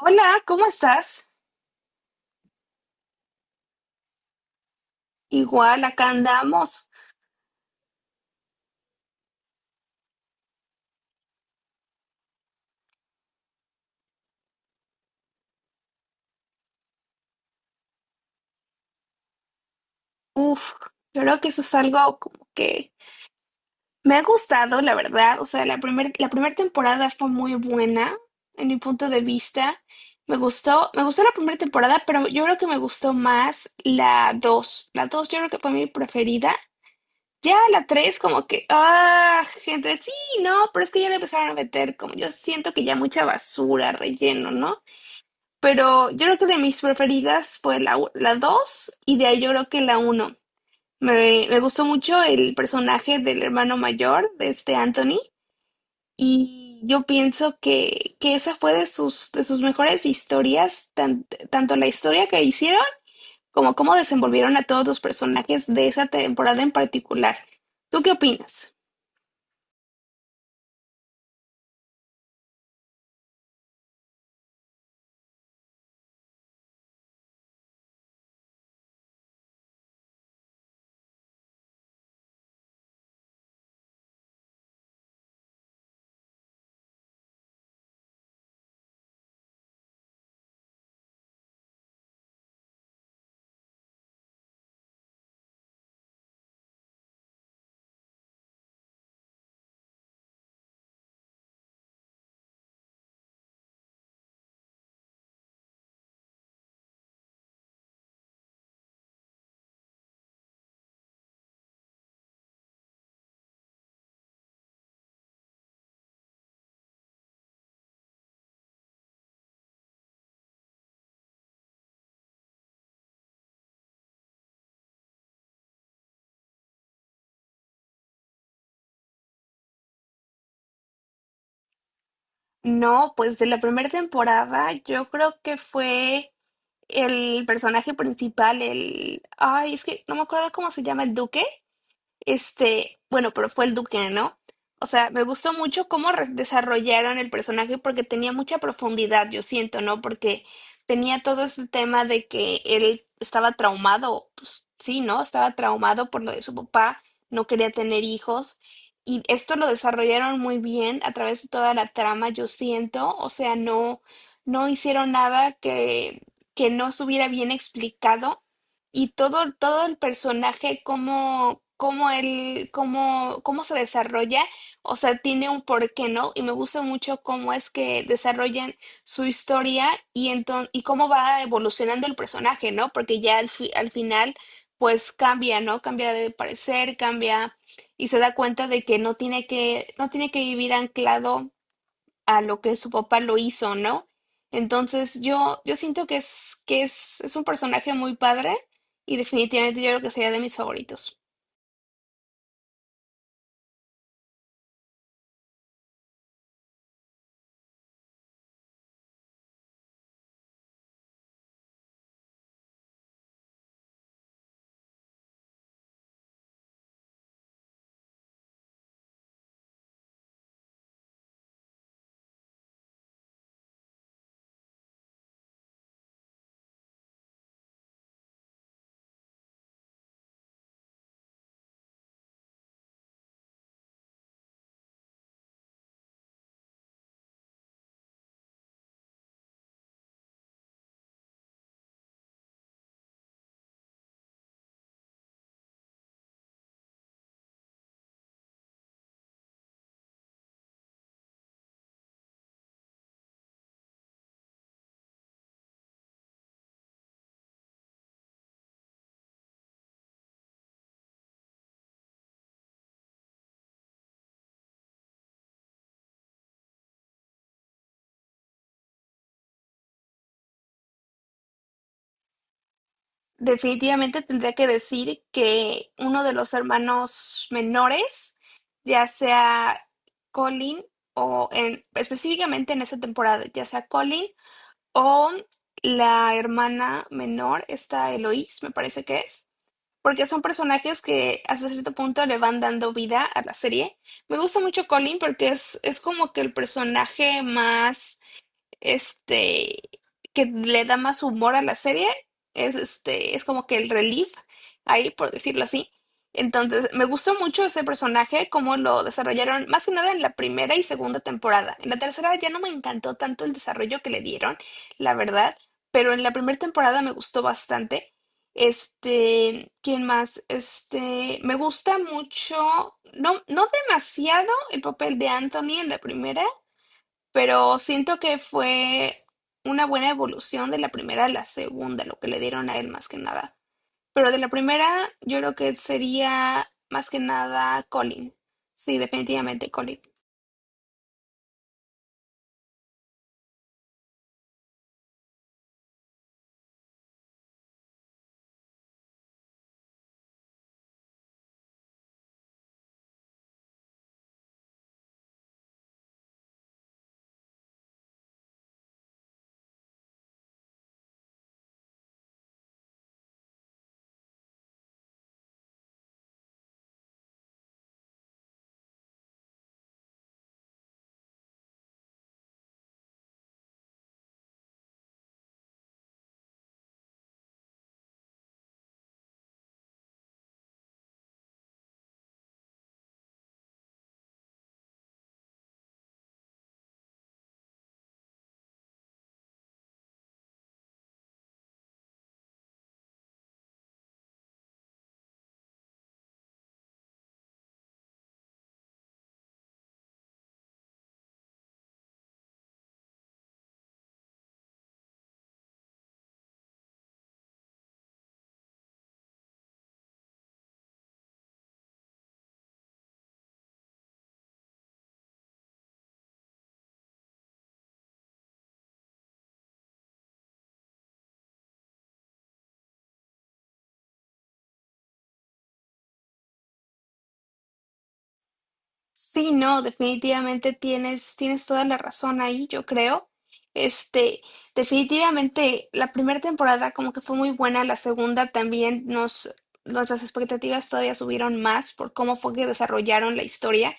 Hola, ¿cómo estás? Igual, acá andamos. Uf, yo creo que eso es algo como que me ha gustado, la verdad. O sea, la primera temporada fue muy buena, en mi punto de vista. Me gustó la primera temporada, pero yo creo que me gustó más la 2. La 2, yo creo que fue mi preferida. Ya la 3, como que, ah, gente, sí, no, pero es que ya le empezaron a meter como yo siento que ya mucha basura, relleno, ¿no? Pero yo creo que de mis preferidas fue la 2 y de ahí yo creo que la uno. Me gustó mucho el personaje del hermano mayor, de este Anthony, y yo pienso que esa fue de sus mejores historias, tanto la historia que hicieron como cómo desenvolvieron a todos los personajes de esa temporada en particular. ¿Tú qué opinas? No, pues de la primera temporada yo creo que fue el personaje principal, el... Ay, es que no me acuerdo cómo se llama, el duque. Este, bueno, pero fue el Duque, ¿no? O sea, me gustó mucho cómo desarrollaron el personaje porque tenía mucha profundidad, yo siento, ¿no? Porque tenía todo este tema de que él estaba traumado, pues sí, ¿no? Estaba traumado por lo de su papá, no quería tener hijos. Y esto lo desarrollaron muy bien a través de toda la trama, yo siento. O sea, no, no hicieron nada que no estuviera bien explicado y todo, todo el personaje, cómo, cómo él, cómo, cómo se desarrolla, o sea, tiene un porqué, ¿no? Y me gusta mucho cómo es que desarrollan su historia y cómo va evolucionando el personaje, ¿no? Porque ya al final, pues cambia, ¿no? Cambia de parecer, cambia y se da cuenta de que no tiene que vivir anclado a lo que su papá lo hizo, ¿no? Entonces yo siento es un personaje muy padre y definitivamente yo creo que sería de mis favoritos. Definitivamente tendría que decir que uno de los hermanos menores, ya sea Colin o en, específicamente en esta temporada, ya sea Colin o la hermana menor, esta Eloise, me parece que es, porque son personajes que hasta cierto punto le van dando vida a la serie. Me gusta mucho Colin porque es como que el personaje más este, que le da más humor a la serie, es este, es como que el relief ahí, por decirlo así. Entonces, me gustó mucho ese personaje, cómo lo desarrollaron, más que nada en la primera y segunda temporada. En la tercera ya no me encantó tanto el desarrollo que le dieron, la verdad, pero en la primera temporada me gustó bastante. Este, ¿quién más? Este, me gusta mucho, no, no demasiado el papel de Anthony en la primera, pero siento que fue una buena evolución de la primera a la segunda, lo que le dieron a él más que nada. Pero de la primera, yo creo que sería más que nada Colin. Sí, definitivamente Colin. Sí, no, definitivamente tienes toda la razón ahí, yo creo. Este, definitivamente la primera temporada como que fue muy buena, la segunda también nuestras expectativas todavía subieron más por cómo fue que desarrollaron la historia.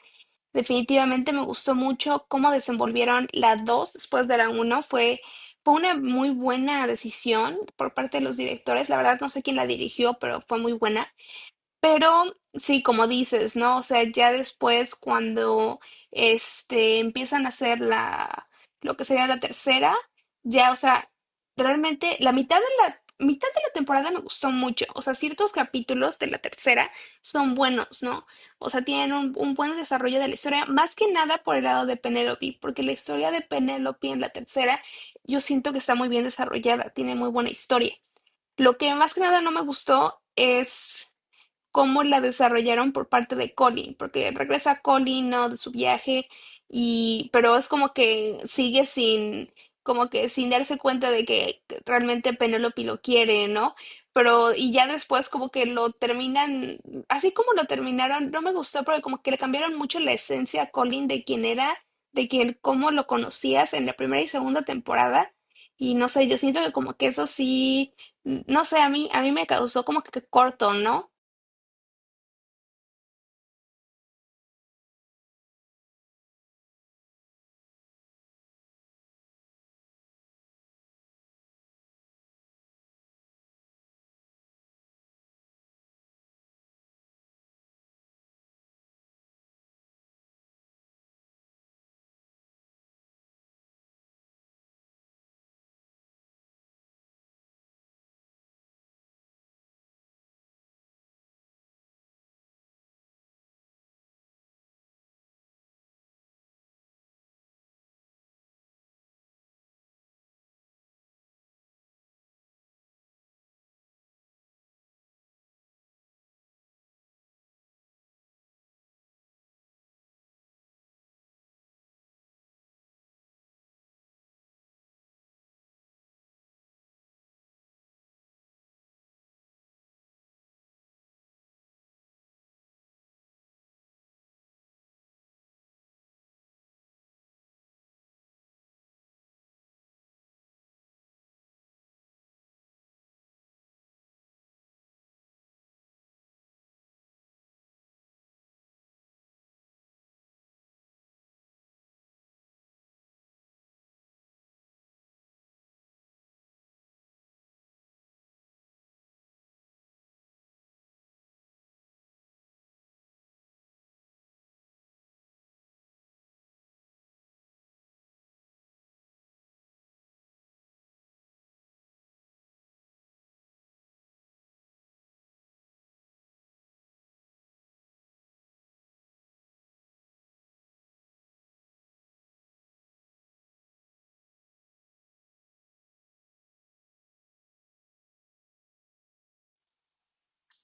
Definitivamente me gustó mucho cómo desenvolvieron la 2 después de la uno. Fue una muy buena decisión por parte de los directores. La verdad no sé quién la dirigió, pero fue muy buena. Pero sí, como dices, ¿no? O sea, ya después cuando este empiezan a hacer la lo que sería la tercera, ya, o sea, realmente la mitad de la temporada me gustó mucho. O sea, ciertos capítulos de la tercera son buenos, ¿no? O sea, tienen un buen desarrollo de la historia, más que nada por el lado de Penélope, porque la historia de Penélope en la tercera, yo siento que está muy bien desarrollada, tiene muy buena historia. Lo que más que nada no me gustó es cómo la desarrollaron por parte de Colin, porque regresa Colin, ¿no? De su viaje, y, pero es como que sigue sin, como que sin darse cuenta de que realmente Penélope lo quiere, ¿no? Pero, y ya después como que lo terminan, así como lo terminaron, no me gustó porque como que le cambiaron mucho la esencia a Colin de quién era, de quién, cómo lo conocías en la primera y segunda temporada. Y no sé, yo siento que como que eso sí, no sé, a mí me causó como que corto, ¿no?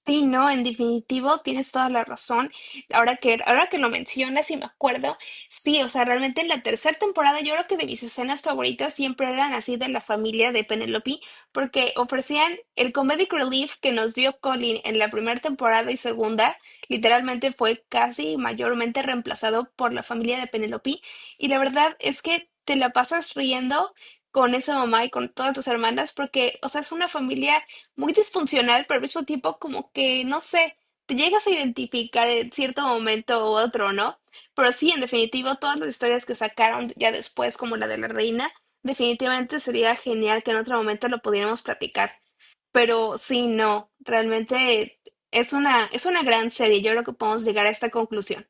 Sí, no, en definitivo tienes toda la razón. Ahora ahora que lo mencionas y me acuerdo, sí, o sea, realmente en la tercera temporada yo creo que de mis escenas favoritas siempre eran así de la familia de Penelope, porque ofrecían el comedic relief que nos dio Colin en la primera temporada y segunda, literalmente fue casi mayormente reemplazado por la familia de Penelope, y la verdad es que te la pasas riendo con esa mamá y con todas tus hermanas, porque, o sea, es una familia muy disfuncional, pero al mismo tiempo como que, no sé, te llegas a identificar en cierto momento u otro, ¿no? Pero sí, en definitivo todas las historias que sacaron ya después, como la de la reina, definitivamente sería genial que en otro momento lo pudiéramos platicar. Pero sí, no, realmente es una gran serie. Yo creo que podemos llegar a esta conclusión.